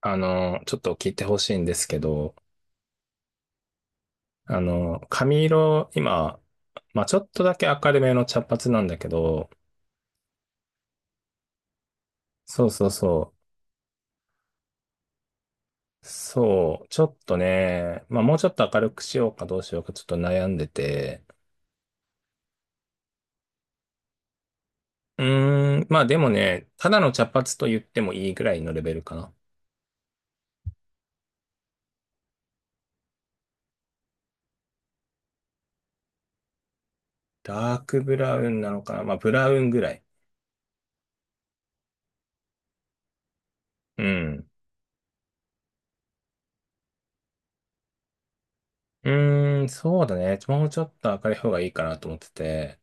ちょっと聞いてほしいんですけど、髪色、今、まあ、ちょっとだけ明るめの茶髪なんだけど、そうそうそそう、ちょっとね、まあ、もうちょっと明るくしようかどうしようかちょっと悩んでて、うーん、まあでもね、ただの茶髪と言ってもいいぐらいのレベルかな。ダークブラウンなのかな、まあ、ブラウンぐらい。うん。うーん、そうだね。もうちょっと明るい方がいいかなと思ってて。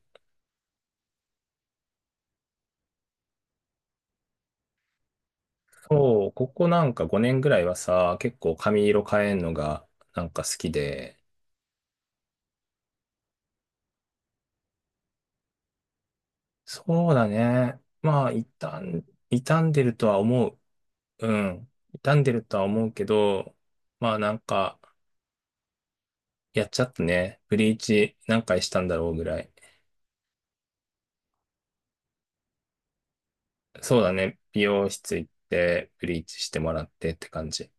そう、ここなんか5年ぐらいはさ、結構髪色変えんのがなんか好きで、そうだね。まあ、傷んでるとは思う。うん。傷んでるとは思うけど、まあなんか、やっちゃったね。ブリーチ何回したんだろうぐらい。そうだね。美容室行って、ブリーチしてもらってって感じ。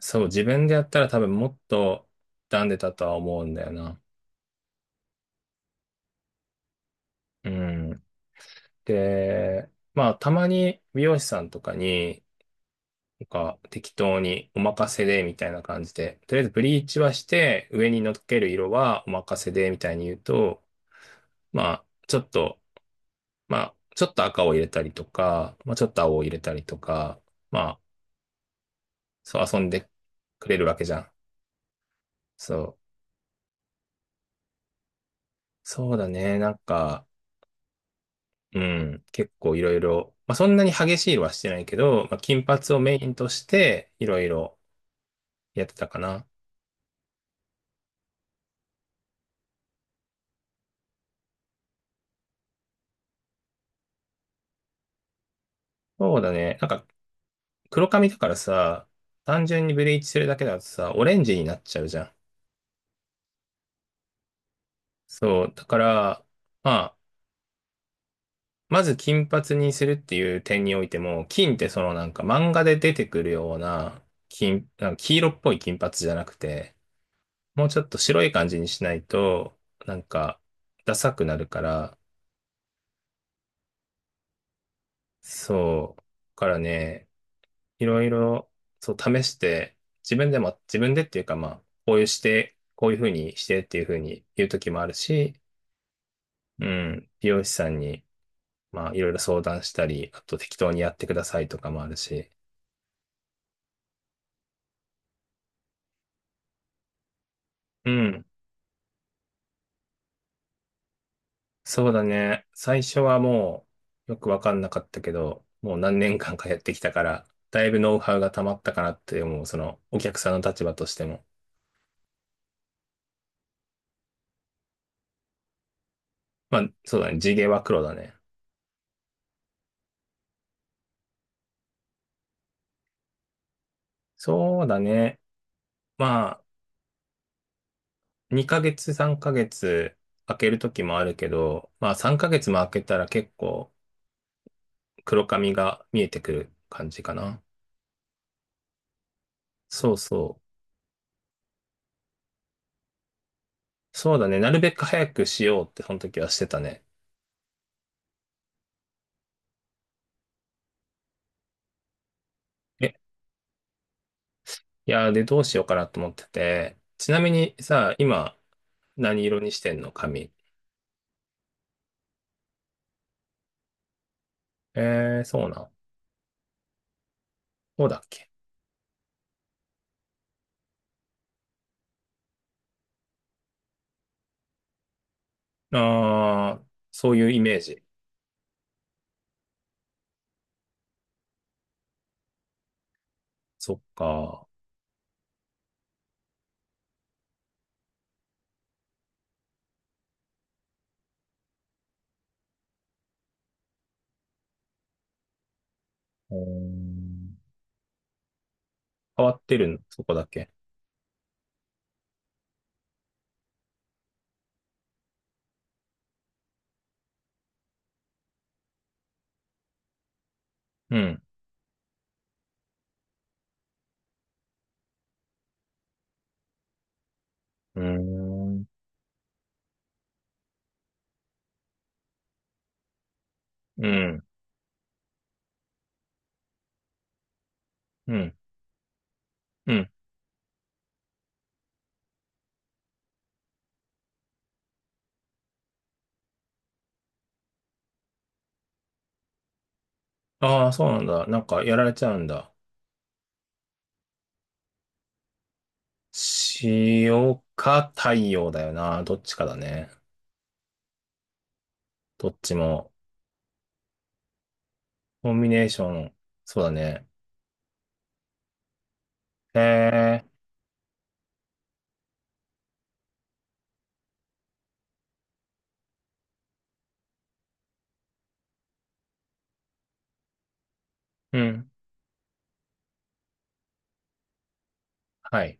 そう、自分でやったら多分もっと傷んでたとは思うんだよな。うん。で、まあ、たまに美容師さんとかに、なんか適当にお任せでみたいな感じで、とりあえずブリーチはして上に乗っける色はお任せでみたいに言うと、まあちょっと、まあちょっと赤を入れたりとか、まあちょっと青を入れたりとか、まあそう遊んでくれるわけじゃん。そう。そうだね。なんか、うん、結構いろいろ、まあそんなに激しい色はしてないけど、まあ金髪をメインとしていろいろやってたかな。そうだね。なんか黒髪だからさ、単純にブリーチするだけだとさ、オレンジになっちゃうじゃん。そう、だから、まあ、まず金髪にするっていう点においても、金ってそのなんか漫画で出てくるような金、なんか黄色っぽい金髪じゃなくて、もうちょっと白い感じにしないと、なんか、ダサくなるから、そう、だからね、いろいろ、そう、試して、自分でっていうかまあ、こういうして、こういうふうにしてっていうふうに言う時もあるし、うん、美容師さんに、まあ、いろいろ相談したり、あと適当にやってくださいとかもあるし。うん、そうだね。最初はもう、よくわかんなかったけど、もう何年間かやってきたから、だいぶノウハウが溜まったかなって思う、その、お客さんの立場としても。まあ、そうだね。地毛は黒だね。そうだね。まあ、2ヶ月、3ヶ月、開ける時もあるけど、まあ、3ヶ月も開けたら結構、黒髪が見えてくる感じかな。そうそう。そうだね。なるべく早くしようって、その時はしてたね。え、いやー、で、どうしようかなと思ってて。ちなみにさ、今、何色にしてんの髪。えー、そうなん。そうだっけ。あー、そういうイメージ。そっか。うーん、変わってるの、そこだけ。うん。うーん。うん。うん。うん。ああ、そうなんだ。なんか、やられちゃうんだ。塩か太陽だよな。どっちかだね。どっちも。コンビネーション。そうだね。へえ、うん。はい。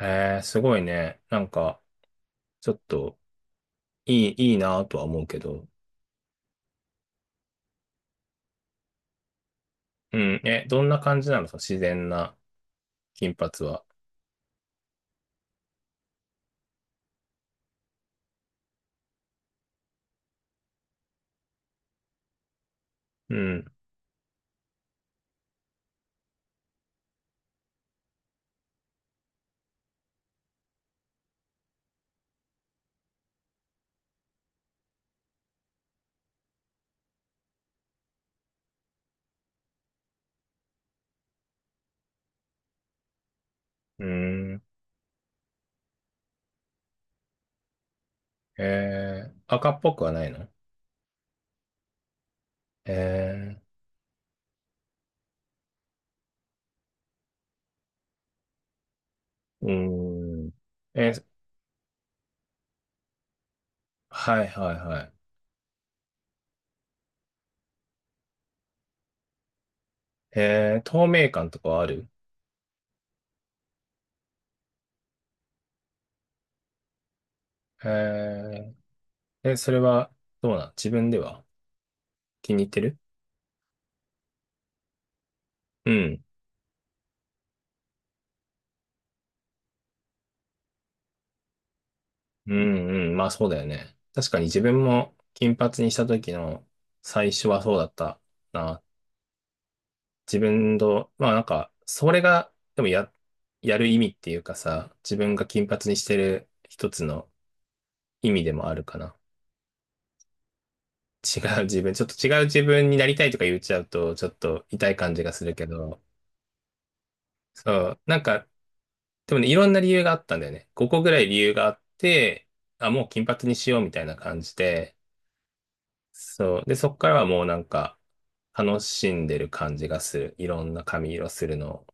へえ、すごいね。なんか、ちょっと、いいなとは思うけど。うん。え、どんな感じなのその自然な金髪は。うん。うん。へえ、赤っぽくはないの？へえ、うん。え、はいはいはい。へえ、透明感とかはある？へえ、え、それは、どうなん、自分では？気に入ってる？うん。うんうん。まあそうだよね。確かに自分も金髪にした時の最初はそうだったな。自分の、まあなんか、それが、でもや、やる意味っていうかさ、自分が金髪にしてる一つの意味でもあるかな。違う自分、ちょっと違う自分になりたいとか言っちゃうと、ちょっと痛い感じがするけど、そう、なんか、でもね、いろんな理由があったんだよね。ここぐらい理由があって、あ、もう金髪にしようみたいな感じで、そう。で、そっからはもうなんか、楽しんでる感じがする。いろんな髪色するのを。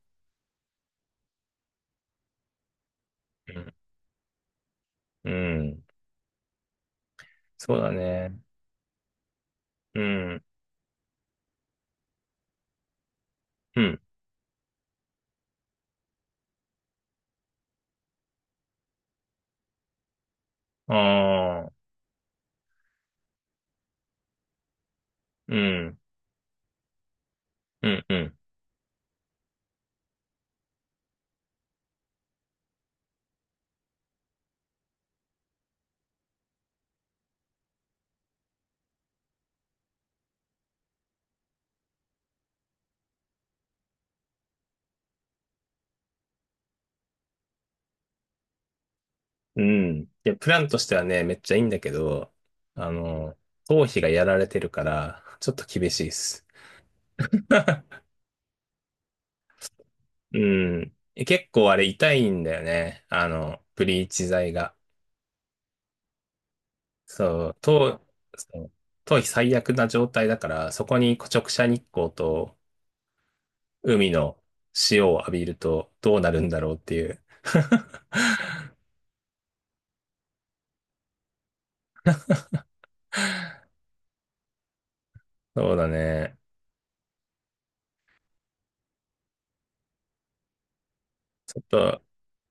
うん。うん。そうだね。うん。うん。ああ。うん。うん。うん。うん。いや、プランとしてはね、めっちゃいいんだけど、あの、頭皮がやられてるから、ちょっと厳しいっす。うん。え、結構あれ痛いんだよね。あの、ブリーチ剤が。そう。頭、そう、頭皮最悪な状態だから、そこに直射日光と、海の潮を浴びるとどうなるんだろうっていう。そうだね。ちょっと、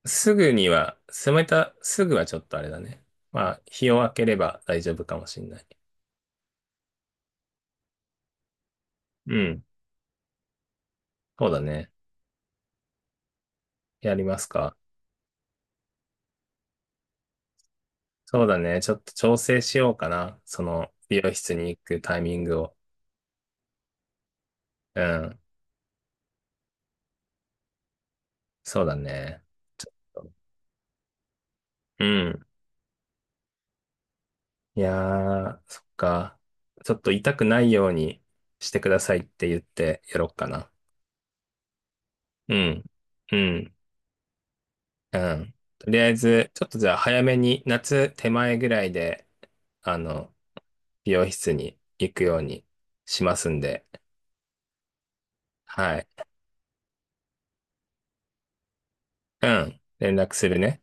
すぐには、冷めた、すぐはちょっとあれだね。まあ、日を明ければ大丈夫かもしんない。うん。そうだね。やりますか。そうだね。ちょっと調整しようかな。その、美容室に行くタイミングを。うん。そうだね。ちょっと、うん。いやー、そっか。ちょっと痛くないようにしてくださいって言ってやろうかな。うん。うん。うん。とりあえず、ちょっとじゃあ早めに、夏手前ぐらいで、あの、美容室に行くようにしますんで、はい。うん。連絡するね。